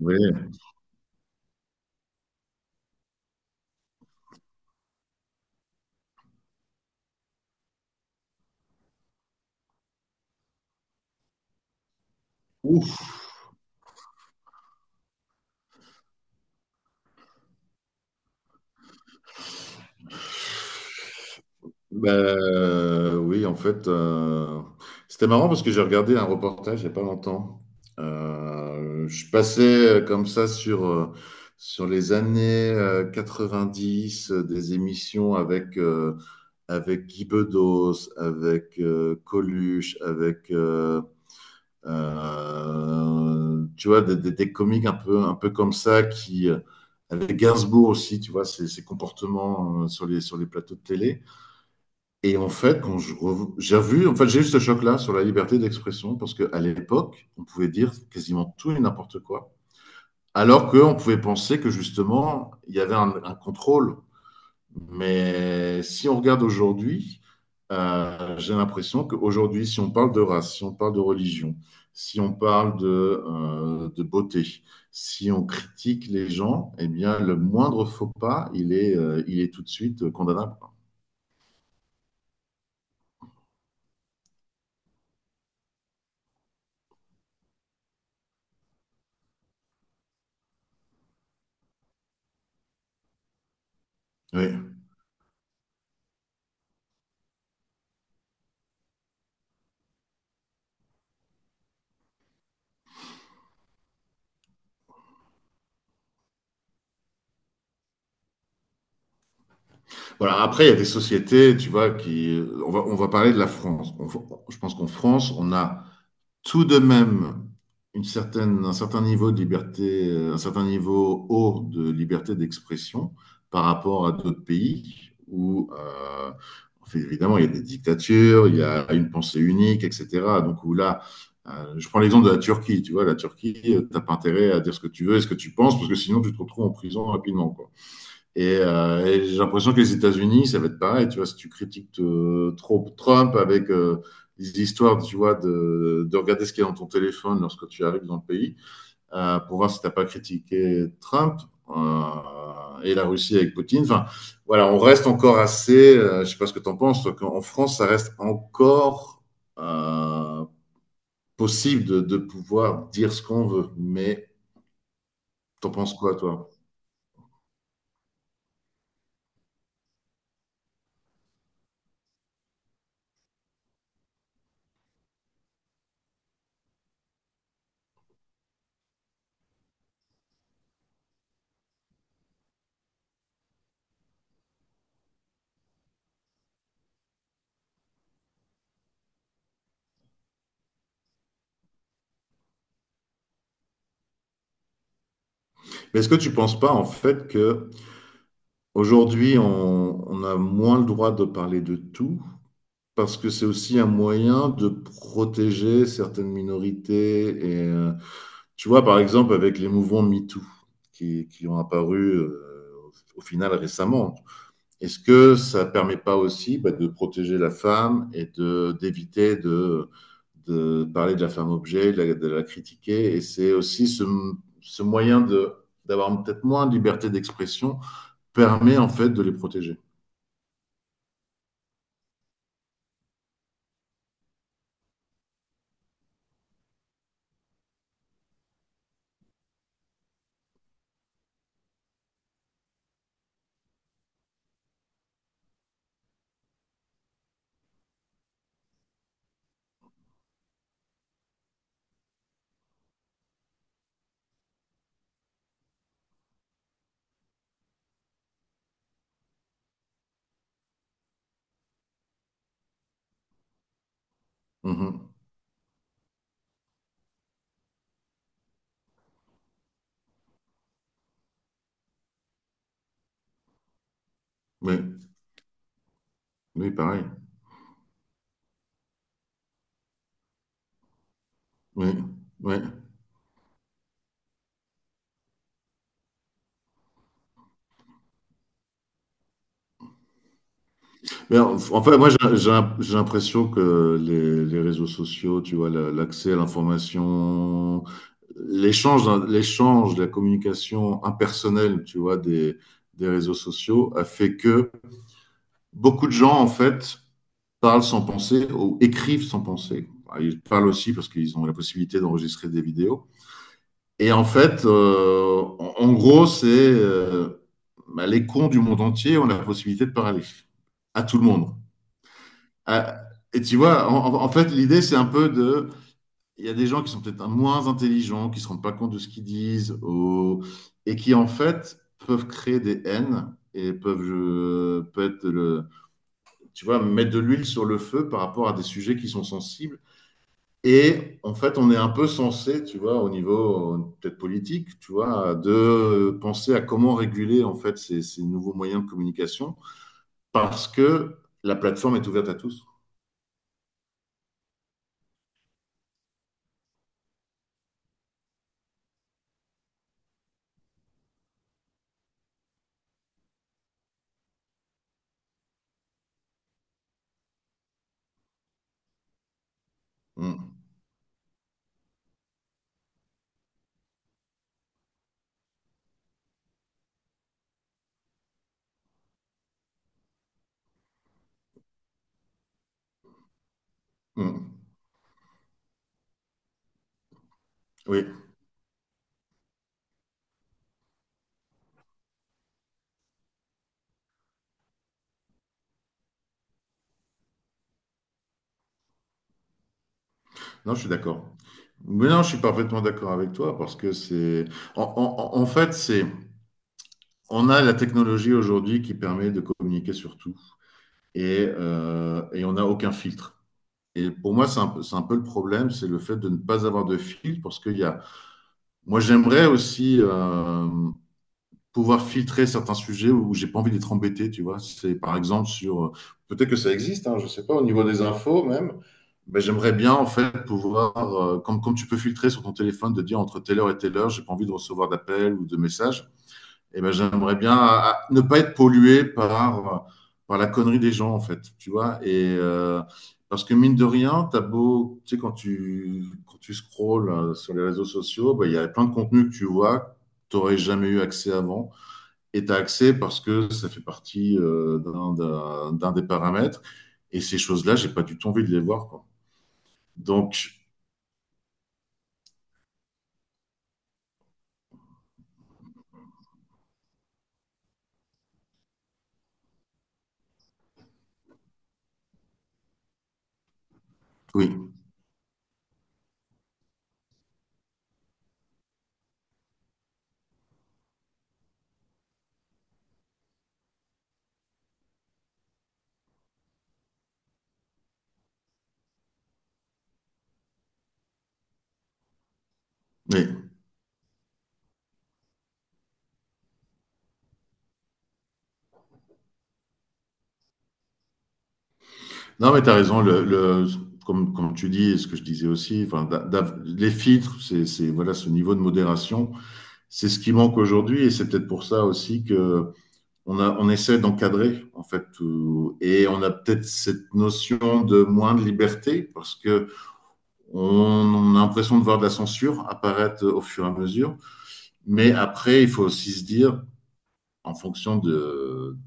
Oui, ouf. Ben, oui, en fait, c'était marrant parce que j'ai regardé un reportage il n'y a pas longtemps. Je passais comme ça sur les années 90, des émissions avec Guy Bedos, avec Coluche, tu vois, des comiques un peu comme ça. Qui. Avec Gainsbourg aussi, tu vois, ses comportements sur sur les plateaux de télé. Et en fait, j'ai vu, en fait, j'ai eu ce choc-là sur la liberté d'expression parce qu'à l'époque, on pouvait dire quasiment tout et n'importe quoi, alors qu'on pouvait penser que justement, il y avait un contrôle. Mais si on regarde aujourd'hui, j'ai l'impression qu'aujourd'hui, si on parle de race, si on parle de religion, si on parle de beauté, si on critique les gens, eh bien, le moindre faux pas, il est tout de suite condamnable. Oui. Voilà, après, il y a des sociétés, tu vois. Qui. On va parler de la France. Je pense qu'en France, on a tout de même un certain niveau de liberté, un certain niveau haut de liberté d'expression par rapport à d'autres pays où, en fait, évidemment, il y a des dictatures, il y a une pensée unique, etc. Donc, je prends l'exemple de la Turquie, tu vois, la Turquie, t'as pas intérêt à dire ce que tu veux et ce que tu penses, parce que sinon, tu te retrouves en prison rapidement, quoi. Et j'ai l'impression que les États-Unis, ça va être pareil. Tu vois, si tu critiques trop Trump avec les histoires, tu vois, de regarder ce qu'il y a dans ton téléphone lorsque tu arrives dans le pays, pour voir si t'as pas critiqué Trump et la Russie avec Poutine. Enfin, voilà, on reste encore assez. Je sais pas ce que t'en penses, toi. En France, ça reste encore euh, possible de pouvoir dire ce qu'on veut. Mais t'en penses quoi, toi? Mais est-ce que tu penses pas en fait que aujourd'hui, on a moins le droit de parler de tout parce que c'est aussi un moyen de protéger certaines minorités. Tu vois, par exemple, avec les mouvements MeToo qui ont apparu au final récemment, est-ce que ça permet pas aussi, bah, de protéger la femme et de d'éviter de parler de la femme objet, de la critiquer. Et c'est aussi ce moyen de d'avoir peut-être moins de liberté d'expression permet en fait de les protéger. Mmh. Oui, oui, pareil. Oui, oui. Mais en fait, moi, j'ai l'impression que les réseaux sociaux, tu vois, le l'accès à l'information, l'échange, hein, l'échange, la communication impersonnelle, tu vois, des réseaux sociaux a fait que beaucoup de gens, en fait, parlent sans penser ou écrivent sans penser. Bah, ils parlent aussi parce qu'ils ont la possibilité d'enregistrer des vidéos. Et en fait, en gros, c'est, bah, les cons du monde entier ont la possibilité de parler à tout le monde. À- et tu vois, fait, l'idée, c'est un peu de... Il y a des gens qui sont peut-être moins intelligents, qui ne se rendent pas compte de ce qu'ils disent, et qui, en fait, peuvent créer des haines et peuvent, je, peut être le, tu vois, mettre de l'huile sur le feu par rapport à des sujets qui sont sensibles. Et en fait, on est un peu censé, tu vois, au niveau, peut-être politique, tu vois, de penser à comment réguler en fait ces nouveaux moyens de communication parce que la plateforme est ouverte à tous. Mm, mm. Oui, non, je suis d'accord. Mais non, je suis parfaitement d'accord avec toi parce que en fait, on a la technologie aujourd'hui qui permet de communiquer sur tout et on n'a aucun filtre. Et pour moi, c'est un peu le problème, c'est le fait de ne pas avoir de filtre parce qu'il y a. Moi, j'aimerais aussi pouvoir filtrer certains sujets où j'ai pas envie d'être embêté, tu vois. C'est par exemple peut-être que ça existe, hein, je sais pas, au niveau des infos même, mais j'aimerais bien en fait pouvoir, comme, tu peux filtrer sur ton téléphone, de dire entre telle heure et telle heure, j'ai pas envie de recevoir d'appels ou de messages. Eh ben, j'aimerais bien à ne pas être pollué par la connerie des gens, en fait, tu vois. Parce que mine de rien, t'as beau, tu sais, quand tu scrolles sur les réseaux sociaux, bah, il y a plein de contenus que tu vois, que t'aurais jamais eu accès avant. Et t'as accès parce que ça fait partie, d'un des paramètres. Et ces choses-là, j'ai pas du tout envie de les voir, quoi. Donc, oui, oui. Non, mais tu as raison. Comme tu dis, et ce que je disais aussi, enfin, les filtres, voilà, ce niveau de modération, c'est ce qui manque aujourd'hui. Et c'est peut-être pour ça aussi que on essaie d'encadrer, en fait, tout. Et on a peut-être cette notion de moins de liberté parce que on a l'impression de voir de la censure apparaître au fur et à mesure. Mais après, il faut aussi se dire, en fonction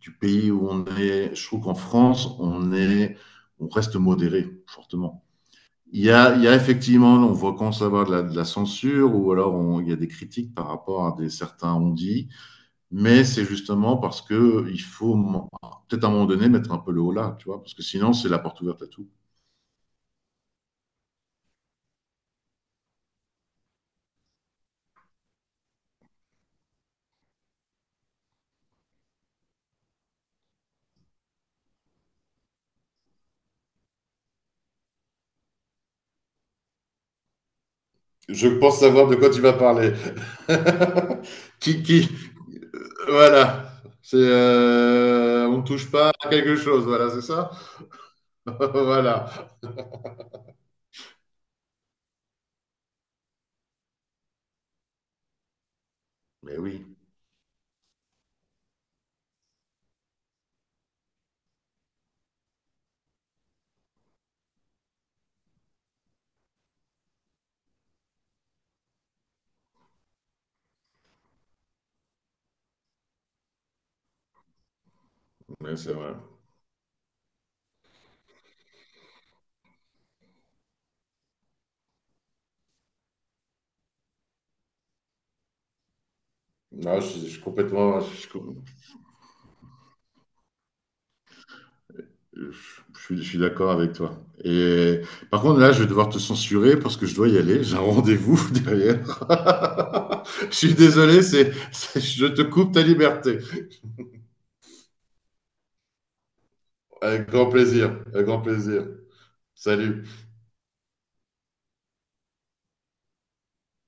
du pays où on est. Je trouve qu'en France, on reste modéré fortement. Il y a effectivement, on voit quand ça va de la censure ou alors, il y a des critiques par rapport à des certains, on mais c'est justement parce que il faut peut-être à un moment donné mettre un peu le haut là, tu vois, parce que sinon c'est la porte ouverte à tout. Je pense savoir de quoi tu vas parler. qui, qui, voilà, c'est, on ne touche pas à quelque chose, voilà, c'est ça. Voilà. Mais oui. Mais c'est vrai. Non, je suis complètement, je, suis com- je suis d'accord avec toi. Et par contre, là, je vais devoir te censurer parce que je dois y aller. J'ai un rendez-vous derrière. Je suis désolé, je te coupe ta liberté. Avec grand plaisir, avec grand plaisir. Salut.